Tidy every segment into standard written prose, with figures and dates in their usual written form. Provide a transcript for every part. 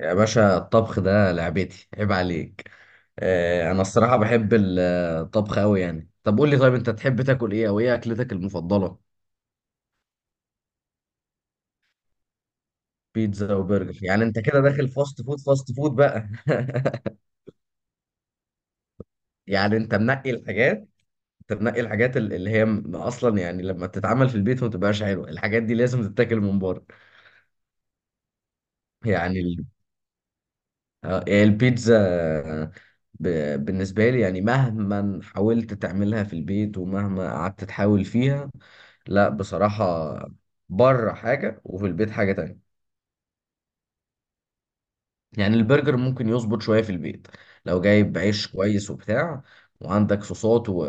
يا باشا الطبخ ده لعبتي، عيب عليك. انا الصراحة بحب الطبخ قوي، يعني. طب قول لي، طيب انت تحب تاكل ايه او ايه اكلتك المفضلة؟ بيتزا وبرجر، يعني انت كده داخل فاست فود فاست فود بقى يعني انت منقي الحاجات اللي هي اصلا، يعني لما بتتعمل في البيت ما بتبقاش حلوه، الحاجات دي لازم تتاكل من بره. يعني البيتزا، بالنسبة لي يعني مهما حاولت تعملها في البيت ومهما قعدت تحاول فيها، لا بصراحة، بره حاجة وفي البيت حاجة تانية. يعني البرجر ممكن يظبط شوية في البيت لو جايب عيش كويس وبتاع، وعندك صوصات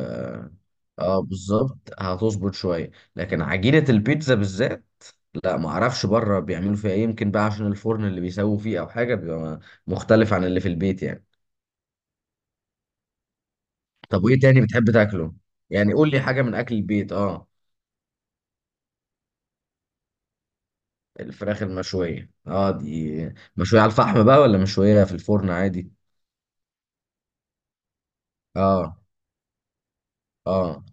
اه بالظبط هتظبط شوية. لكن عجينة البيتزا بالذات، لا ما اعرفش بره بيعملوا فيها ايه، يمكن بقى عشان الفرن اللي بيسووا فيه او حاجة، بيبقى مختلف عن اللي في البيت يعني. طب وايه تاني بتحب تاكله؟ يعني قول لي حاجة من اكل البيت. اه، الفراخ المشوية، اه دي مشوية على الفحم بقى ولا مشوية في الفرن عادي؟ اه اه،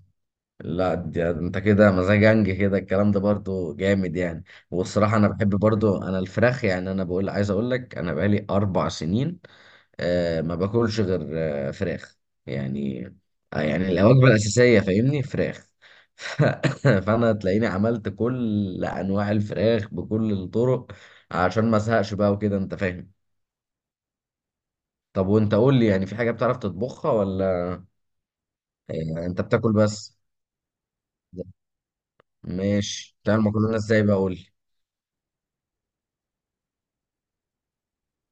لا دي انت كده مزاجنج، كده الكلام ده برضو جامد يعني. والصراحة انا بحب برضو، انا الفراخ يعني، انا بقول عايز اقول لك، انا بقالي 4 سنين ما باكلش غير فراخ يعني. يعني الوجبة الاساسية فاهمني، فراخ ف- فانا تلاقيني عملت كل انواع الفراخ بكل الطرق عشان ما ازهقش بقى، وكده انت فاهم. طب وانت قول لي، يعني في حاجة بتعرف تطبخها ولا يعني انت بتاكل بس؟ ماشي، بتعمل مكرونة ازاي بقى؟ قول لي.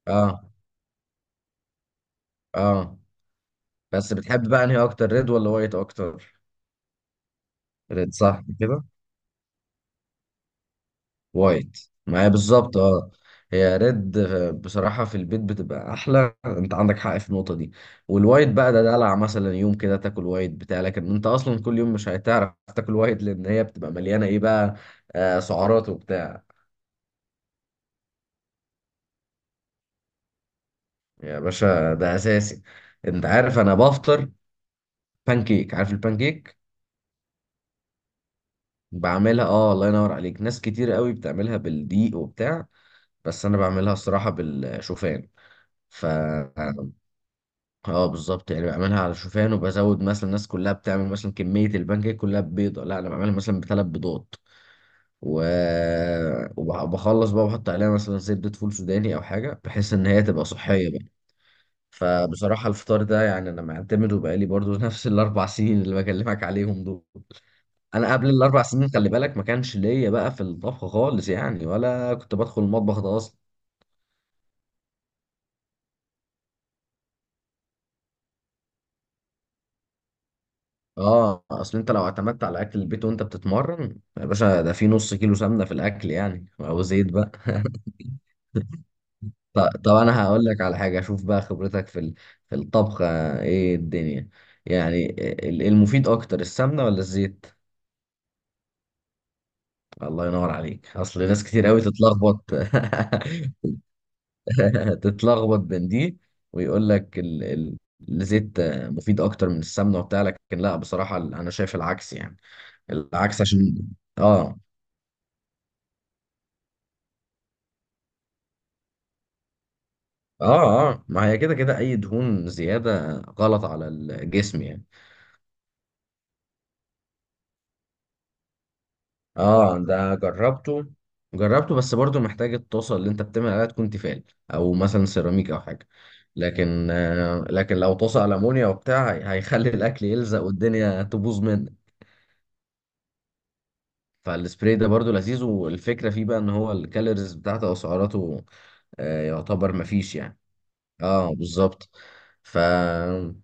اه اه، بس بتحب بقى انهي اكتر، ريد ولا وايت اكتر؟ ريد صح كده؟ وايت معايا بالظبط، اه. هي ريد. بصراحة في البيت بتبقى احلى، انت عندك حق في النقطة دي. والوايت بقى ده دلع، مثلا يوم كده تاكل وايت بتاع لكن انت اصلا كل يوم مش هتعرف تاكل وايت لان هي بتبقى مليانة ايه بقى؟ سعرات وبتاع. يا باشا ده اساسي، انت عارف انا بفطر بانكيك، عارف البانكيك؟ بعملها اه، الله ينور عليك، ناس كتير قوي بتعملها بالدقيق وبتاع، بس انا بعملها الصراحه بالشوفان. ف اه بالظبط، يعني بعملها على شوفان وبزود، مثلا الناس كلها بتعمل مثلا كميه البانكيك كلها ببيضه، لا انا بعملها مثلا بثلاث بيضات و... وبخلص بقى بحط عليها مثلا زبده فول سوداني او حاجه، بحيث ان هي تبقى صحيه بقى. فبصراحة الفطار ده يعني، أنا معتمده بقالي برضو نفس الأربع سنين اللي بكلمك عليهم دول. أنا قبل الأربع سنين خلي بالك ما كانش ليا بقى في الطبخ خالص يعني، ولا كنت بدخل المطبخ ده أصلا. اه، اصل انت لو اعتمدت على اكل البيت وانت بتتمرن يا باشا، ده في نص كيلو سمنه في الاكل يعني، او زيت بقى. طب انا هقول لك على حاجه، اشوف بقى خبرتك في في الطبخ. ايه الدنيا يعني، المفيد اكتر، السمنه ولا الزيت؟ الله ينور عليك، اصل ناس كتير قوي تتلخبط تتلخبط بين دي، ويقول لك الزيت مفيد اكتر من السمنه وبتاع، لكن لا بصراحه انا شايف العكس يعني. العكس عشان اه اه ما هي كده كده، اي دهون زياده غلط على الجسم يعني. اه ده جربته، بس برضو محتاج الطاسه اللي انت بتعمل عليها تكون تيفال، او مثلا سيراميك او حاجه. لكن لو طاسه المونيا وبتاع هيخلي الاكل يلزق والدنيا تبوظ منك. فالسبراي ده برضو لذيذ، والفكرة فيه بقى ان هو الكالوريز بتاعته او سعراته يعتبر مفيش يعني. اه بالظبط. فبقيت،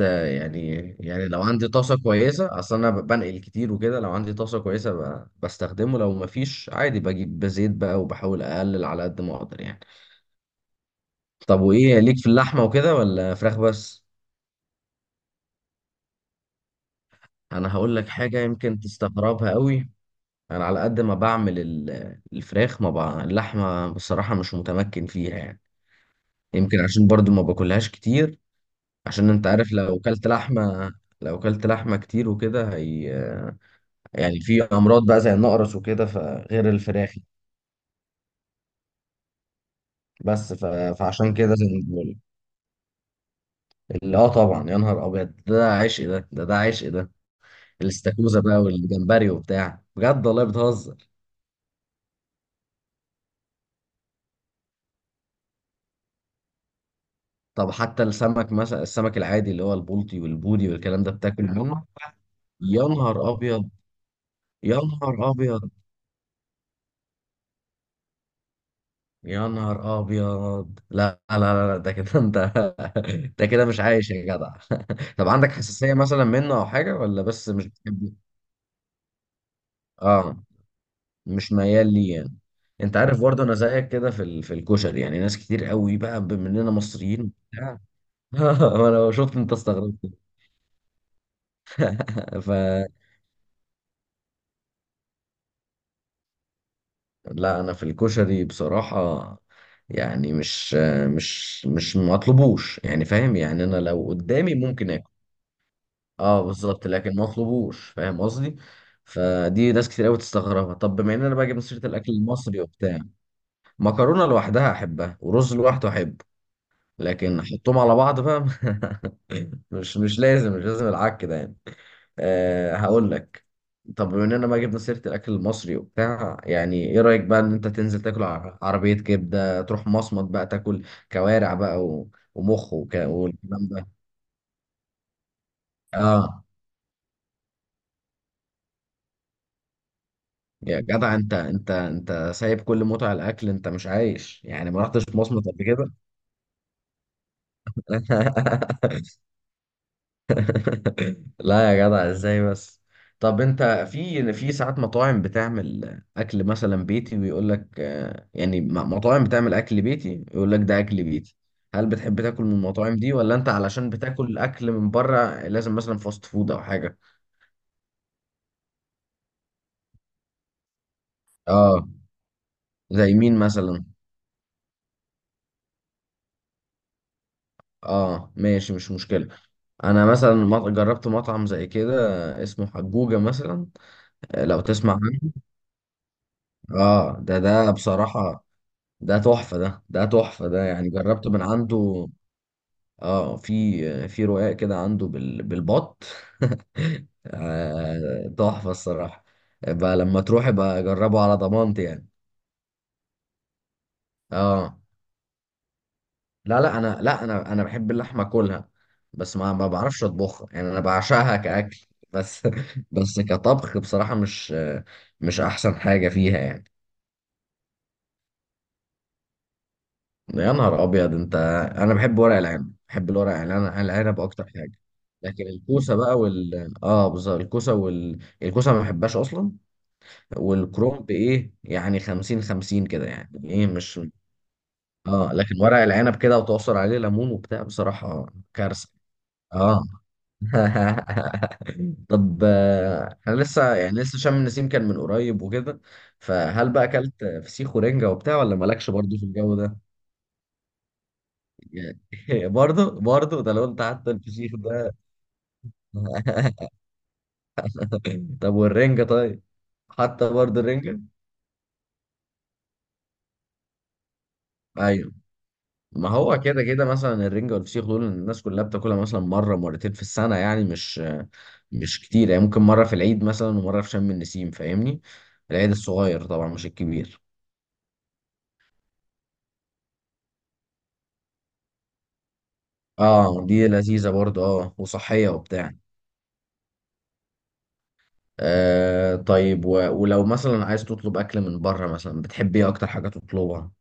آه، يعني يعني لو عندي طاسة كويسة، اصل انا بنقل كتير وكده، لو عندي طاسة كويسة بستخدمه، لو مفيش عادي بجيب بزيت بقى وبحاول اقلل على قد ما اقدر يعني. طب وايه ليك في اللحمة وكده، ولا فراخ بس؟ انا هقول لك حاجة يمكن تستغربها قوي، انا على قد ما بعمل الفراخ ما بع... اللحمه بصراحه مش متمكن فيها يعني. يمكن عشان برضو ما باكلهاش كتير، عشان انت عارف لو اكلت لحمه كتير وكده، هي يعني في امراض بقى زي النقرس وكده فغير الفراخ. بس ف... فعشان كده زي ما بقول، اللي اه، طبعا يا نهار ابيض، ده عشق ده عشق ده. الاستاكوزا بقى والجمبري وبتاع، بجد والله بتهزر؟ طب حتى السمك مثلا، السمك العادي اللي هو البلطي والبودي والكلام ده بتاكل منه؟ يا نهار ابيض، يا نهار ابيض، يا نهار ابيض، لا لا لا لا، ده كده انت ده كده مش عايش يا جدع طب عندك حساسية مثلا منه او حاجة، ولا بس مش بتحب؟ اه، مش ميال ليه يعني. انت عارف برضه انا زيك كده في في الكشري، يعني ناس كتير قوي بقى بما اننا مصريين وبتاع وانا شفت انت استغربت فلا، انا في الكشري بصراحة، يعني مش مطلبوش، يعني فاهم يعني، انا لو قدامي ممكن، اه بالظبط، لكن ما اطلبوش فاهم قصدي. فدي ناس كتير قوي تستغربها. طب بما اننا بقى جبنا سيره الاكل المصري وبتاع، مكرونه لوحدها احبها، ورز لوحده احبه، لكن احطهم على بعض بقى مش لازم مش لازم العك ده يعني. أه هقول لك، طب بما اننا بقى جبنا سيره الاكل المصري وبتاع، يعني ايه رايك بقى ان انت تنزل تاكل عربيه كبده، تروح مصمت بقى تاكل كوارع بقى ومخ والكلام ده؟ اه يا جدع، انت سايب كل متع الاكل، انت مش عايش يعني، ما رحتش مصمت قبل كده لا يا جدع ازاي بس. طب انت في ساعات مطاعم بتعمل اكل مثلا بيتي، ويقول لك آه يعني، مطاعم بتعمل اكل بيتي يقول لك ده اكل بيتي، هل بتحب تاكل من المطاعم دي، ولا انت علشان بتاكل اكل من بره لازم مثلا فاست فود او حاجه؟ اه، زي مين مثلا؟ اه ماشي، مش مشكلة. انا مثلا جربت مطعم زي كده اسمه حجوجة مثلا، لو تسمع عنه. اه ده بصراحة ده تحفة، ده ده تحفة ده يعني، جربت من عنده. اه في رقاق كده عنده بال بالبط تحفة الصراحة. بقى لما تروح بقى جربه على ضمانتي يعني. اه لا لا، انا، لا انا بحب اللحمه اكلها، بس ما بعرفش اطبخها يعني، انا بعشقها كاكل بس بس كطبخ بصراحه مش احسن حاجه فيها يعني. يا نهار ابيض انت، انا بحب ورق العنب، بحب الورق العنب اكتر حاجه. لكن الكوسه بقى وال اه بالظبط الكوسه الكوسه ما بحبهاش اصلا. والكرنب ايه يعني، 50-50 كده يعني، ايه مش اه، لكن ورق العنب كده وتعصر عليه ليمون وبتاع، بصراحه كارثه اه طب، انا لسه شم النسيم كان من قريب وكده، فهل بقى اكلت فسيخ ورنجة وبتاع، ولا مالكش برضه في الجو ده؟ يعني برضه برضه، ده لو انت حتى الفسيخ ده طب والرنجة طيب، حتى برضه الرنجة، ايوه ما هو كده كده مثلا الرنجة والفسيخ دول الناس كلها بتاكلها مثلا مرة مرتين في السنة، يعني مش كتير، يعني ممكن مرة في العيد مثلا ومرة في شم النسيم، فاهمني؟ العيد الصغير طبعا مش الكبير. اه دي لذيذة برضه، اه وصحية وبتاع. آه طيب، ولو مثلا عايز تطلب اكل من بره، مثلا بتحب ايه اكتر حاجه تطلبها؟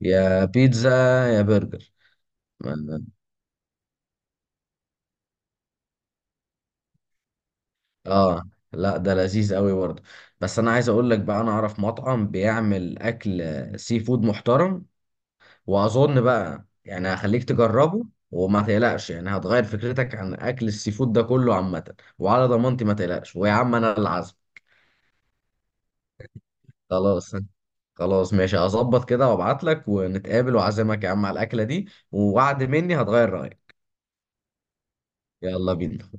يا بيتزا يا برجر، ما- اه لا ده لذيذ قوي برضه. بس انا عايز اقول لك بقى، انا اعرف مطعم بيعمل اكل، سي فود محترم، واظن بقى يعني هخليك تجربه، وما تقلقش يعني هتغير فكرتك عن اكل السي فود ده كله عامه، وعلى ضمانتي ما تقلقش، ويا عم انا العزم. خلاص خلاص ماشي، هظبط كده وابعت لك ونتقابل واعزمك يا عم على الاكله دي، ووعد مني هتغير رايك. يلا بينا.